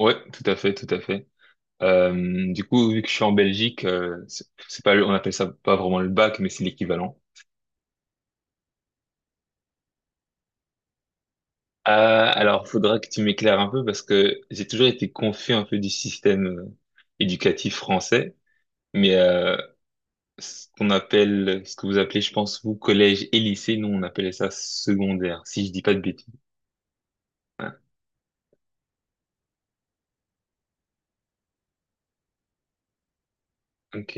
Ouais, tout à fait, tout à fait. Du coup, vu que je suis en Belgique, c'est pas, on appelle ça pas vraiment le bac, mais c'est l'équivalent. Euh, alors, faudra que tu m'éclaires un peu parce que j'ai toujours été confus un peu du système éducatif français, mais ce qu'on appelle, ce que vous appelez, je pense, vous, collège et lycée, nous, on appelait ça secondaire, si je dis pas de bêtises. Ouais, ok.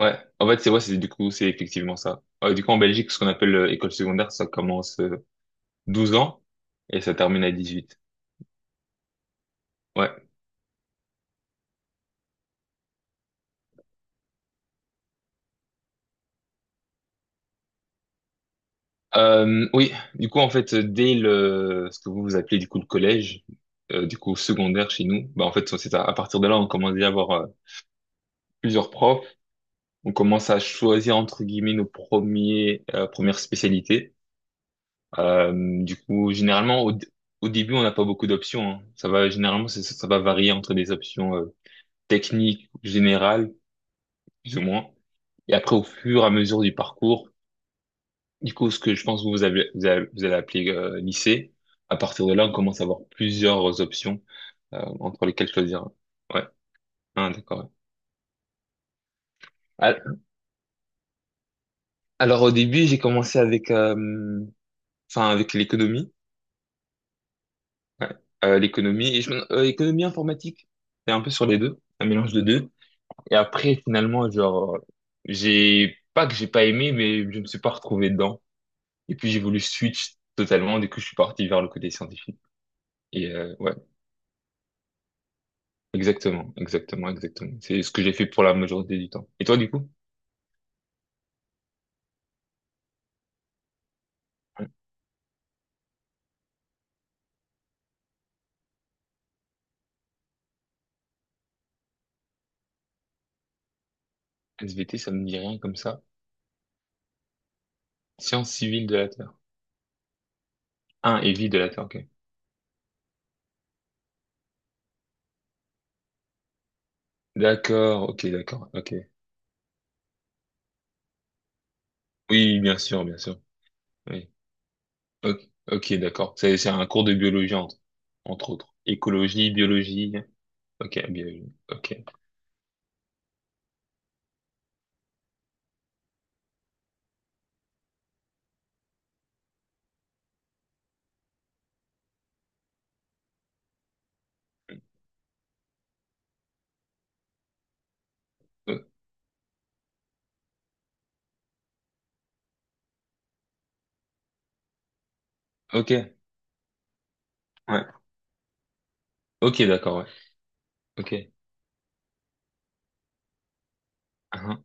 Ouais. En fait, c'est ouais, c'est du coup, c'est effectivement ça. Du coup, en Belgique, ce qu'on appelle école secondaire, ça commence 12 ans et ça termine à 18. Ouais. Oui, du coup, en fait, dès le, ce que vous vous appelez du coup le collège, du coup secondaire chez nous, bah en fait, c'est à partir de là, on commence déjà à avoir plusieurs profs, on commence à choisir entre guillemets nos premiers, premières spécialités. Euh, du coup, généralement, au, au début, on n'a pas beaucoup d'options, hein. Ça va, généralement, ça va varier entre des options techniques, générales, plus ou moins. Et après, au fur et à mesure du parcours, du coup, ce que je pense que vous avez, vous allez appeler lycée, à partir de là, on commence à avoir plusieurs options entre lesquelles choisir. Ouais, ah, d'accord, ouais. Al- Alors au début, j'ai commencé avec, enfin avec l'économie, ouais. L'économie et économie informatique. C'est un peu sur les deux, un mélange de deux. Et après, finalement, genre, j'ai pas que j'ai pas aimé, mais je me suis pas retrouvé dedans. Et puis j'ai voulu switch totalement. Du coup, je suis parti vers le côté scientifique. Et ouais. Exactement, exactement, exactement. C'est ce que j'ai fait pour la majorité du temps. Et toi, du coup? Ouais. SVT, ça me dit rien comme ça. Sciences civiles de la Terre. Ah, et vie de la Terre, ok. D'accord, ok, d'accord, ok. Oui, bien sûr, bien sûr. Oui. Ok, ok, d'accord. C'est un cours de biologie, entre autres. Écologie, biologie. Ok, biologie. Ok. O- Ok, ouais. Ok, d'accord, ouais. Ok. Ah,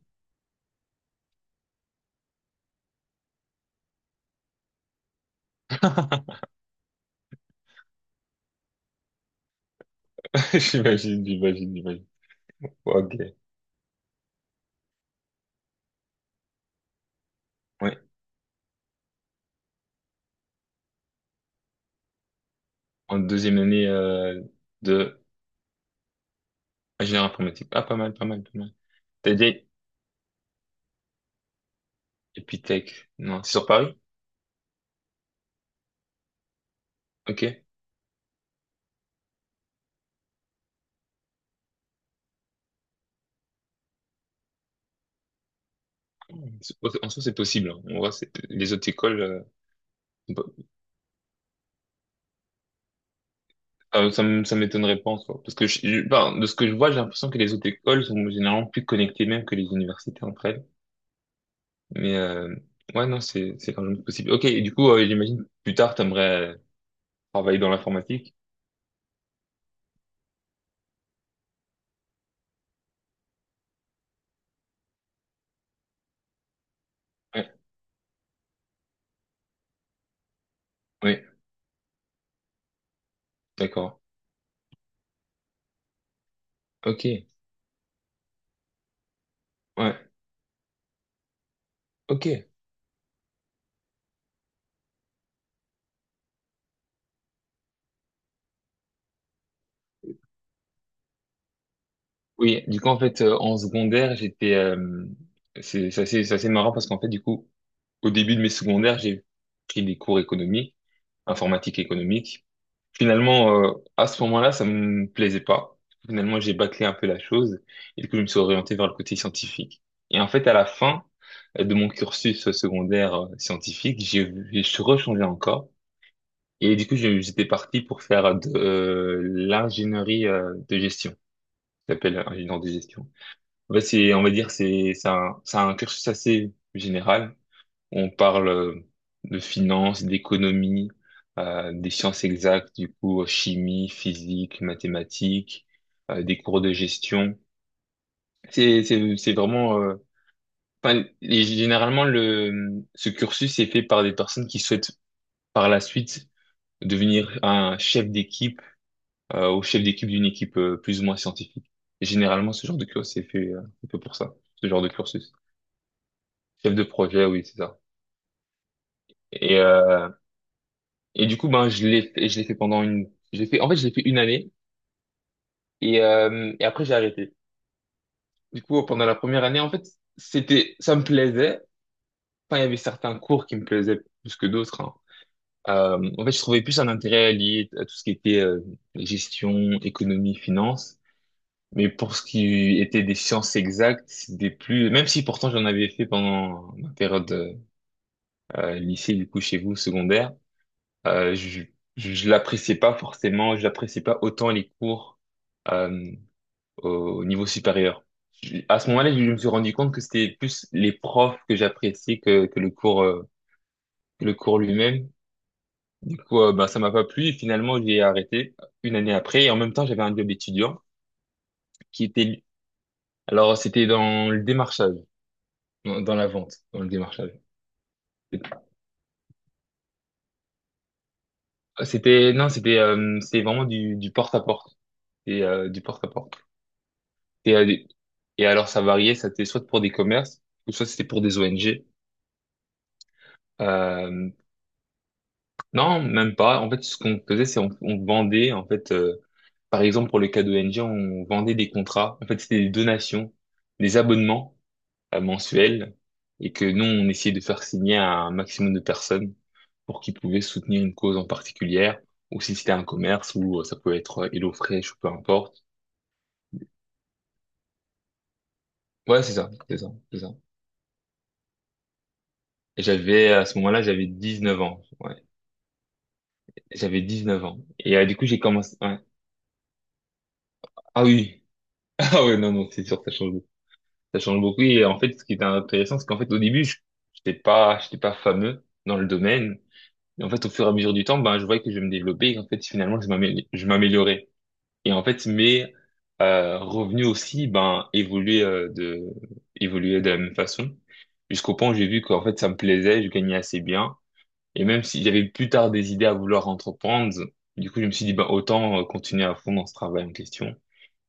ah. J'imagine, j'imagine, j'imagine. Ok, ouais. En deuxième année de... Ingénieur informatique. Ah, pas mal, pas mal, pas mal. T'as dit Epitech. Non, c'est sur Paris? Ok. C'est- En soi, c'est possible, hein. On voit, les autres écoles, sont pas- ah, ça, ça m'étonnerait pas en soi. Parce que enfin, de ce que je vois, j'ai l'impression que les autres écoles sont généralement plus connectées même que les universités entre elles. Mais ouais, non, c'est largement possible. Ok, et du coup, j'imagine plus tard, t'aimerais euh, travailler dans l'informatique. Ouais, ouais, d'accord. Ok, ouais, ok. Oui, du coup, en fait, en secondaire, j'étais, c'est assez, c'est assez marrant parce qu'en fait, du coup, au début de mes secondaires, j'ai pris des cours économiques, informatique économique. Finalement, à ce moment-là, ça me plaisait pas. Finalement, j'ai bâclé un peu la chose et du coup, je me suis orienté vers le côté scientifique. Et en fait, à la fin de mon cursus secondaire scientifique, je suis rechangé encore. Et du coup, j'étais parti pour faire de l'ingénierie de gestion. Ça s'appelle ingénieur de gestion. En fait, c'est, on va dire, c'est un cursus assez général. On parle de finance, d'économie, des sciences exactes, du coup, chimie, physique, mathématiques, des cours de gestion. C'est vraiment, enfin, et généralement, le, ce cursus est fait par des personnes qui souhaitent par la suite devenir un chef d'équipe, ou chef d'équipe d'une équipe plus ou moins scientifique. Et généralement, ce genre de cursus est fait pour ça, ce genre de cursus. Chef de projet, oui, c'est ça. Et, euh, et du coup, ben, je l'ai fait j'ai fait, en fait, je l'ai fait une année et après, j'ai arrêté. Du coup, pendant la première année, en fait, ça me plaisait. Enfin, il y avait certains cours qui me plaisaient plus que d'autres, hein. En fait, je trouvais plus un intérêt lié à tout ce qui était gestion, économie, finance. Mais pour ce qui était des sciences exactes, c'était plus, même si pourtant j'en avais fait pendant ma période lycée, du coup, chez vous, secondaire. Euh, je je l'appréciais pas forcément, je l'appréciais pas autant les cours euh, au niveau supérieur. À ce moment-là, je me suis rendu compte que c'était plus les profs que j'appréciais que le cours que le cours lui-même. Du coup, ben, ça m'a pas plu et finalement j'ai arrêté une année après. Et en même temps, j'avais un job étudiant qui était alors c'était dans le démarchage, dans la vente, dans le démarchage. C'était non, c'était vraiment du porte à porte, et du porte à porte. Et, allez- et alors, ça variait, ça était soit pour des commerces, ou soit c'était pour des ONG. Euh, non, même pas. En fait, ce qu'on faisait, c'est on vendait, en fait, par exemple, pour le cas d'ONG, on vendait des contrats. En fait, c'était des donations, des abonnements mensuels, et que nous, on essayait de faire signer à un maximum de personnes pour qu'ils pouvaient soutenir une cause en particulière, ou si c'était un commerce, ou ça pouvait être HelloFresh, ou peu importe. Ouais, c'est ça, c'est ça, c'est ça. Et j'avais, à ce moment-là, j'avais 19 ans. Ouais. J'avais 19 ans. Et du coup, j'ai commencé... ouais. Ah oui. Ah ouais, non, non, c'est sûr, ça change beaucoup. Ça change beaucoup. Et en fait, ce qui était intéressant, c'est qu'en fait, au début, je n'étais pas, j'étais pas fameux dans le domaine. Et en fait, au fur et à mesure du temps, ben, je voyais que je me développais. Et en fait, finalement, je m'améliorais. Et en fait, mes revenus aussi, ben, évoluaient de la même façon. Jusqu'au point où j'ai vu qu'en fait, ça me plaisait, je gagnais assez bien. Et même si j'avais plus tard des idées à vouloir entreprendre, du coup, je me suis dit, bah, autant continuer à fond dans ce travail en question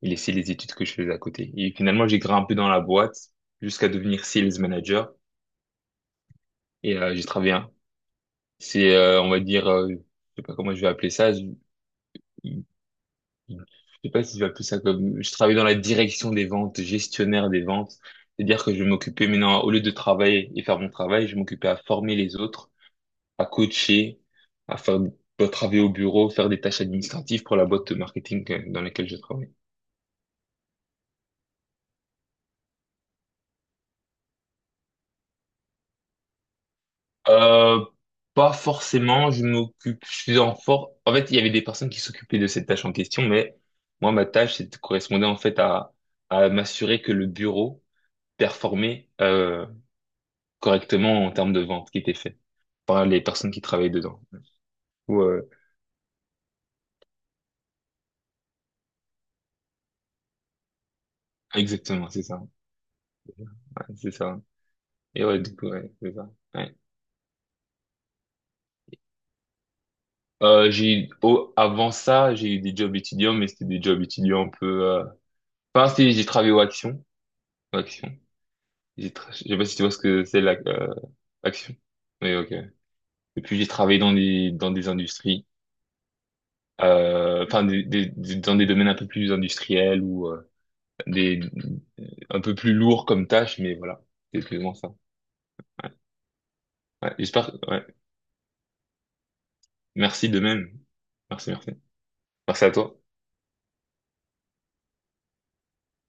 et laisser les études que je faisais à côté. Et finalement, j'ai grimpé dans la boîte jusqu'à devenir sales manager et j'ai travaillé. C'est, on va dire, je sais pas comment je vais appeler ça. Je sais pas si je vais appeler ça comme, je travaillais dans la direction des ventes, gestionnaire des ventes. C'est-à-dire que je m'occupais maintenant, au lieu de travailler et faire mon travail, je m'occupais à former les autres à coacher, à faire à travailler au bureau, faire des tâches administratives pour la boîte de marketing dans laquelle je travaille. Euh, Pas forcément, je m'occupe, je suis en fort. En fait, il y avait des personnes qui s'occupaient de cette tâche en question, mais moi, ma tâche, c'était correspondait en fait à m'assurer que le bureau performait correctement en termes de vente qui était fait par les personnes qui travaillaient dedans. Ou, euh, Exactement, c'est ça. Ouais, c'est ça. Et ouais, du coup, ouais, c'est ça. Ouais. Avant ça, j'ai eu des jobs étudiants, mais c'était des jobs étudiants un peu. Enfin, j'ai travaillé au Action. Au Action. Je sais pas si tu vois ce que c'est la Action. Oui, ok. Et puis j'ai travaillé dans des industries, enfin dans des domaines un peu plus industriels ou des un peu plus lourds comme tâches, mais voilà, c'est exactement ça. Ouais, j'espère. Ouais. Merci de même. Merci, merci. Merci à toi.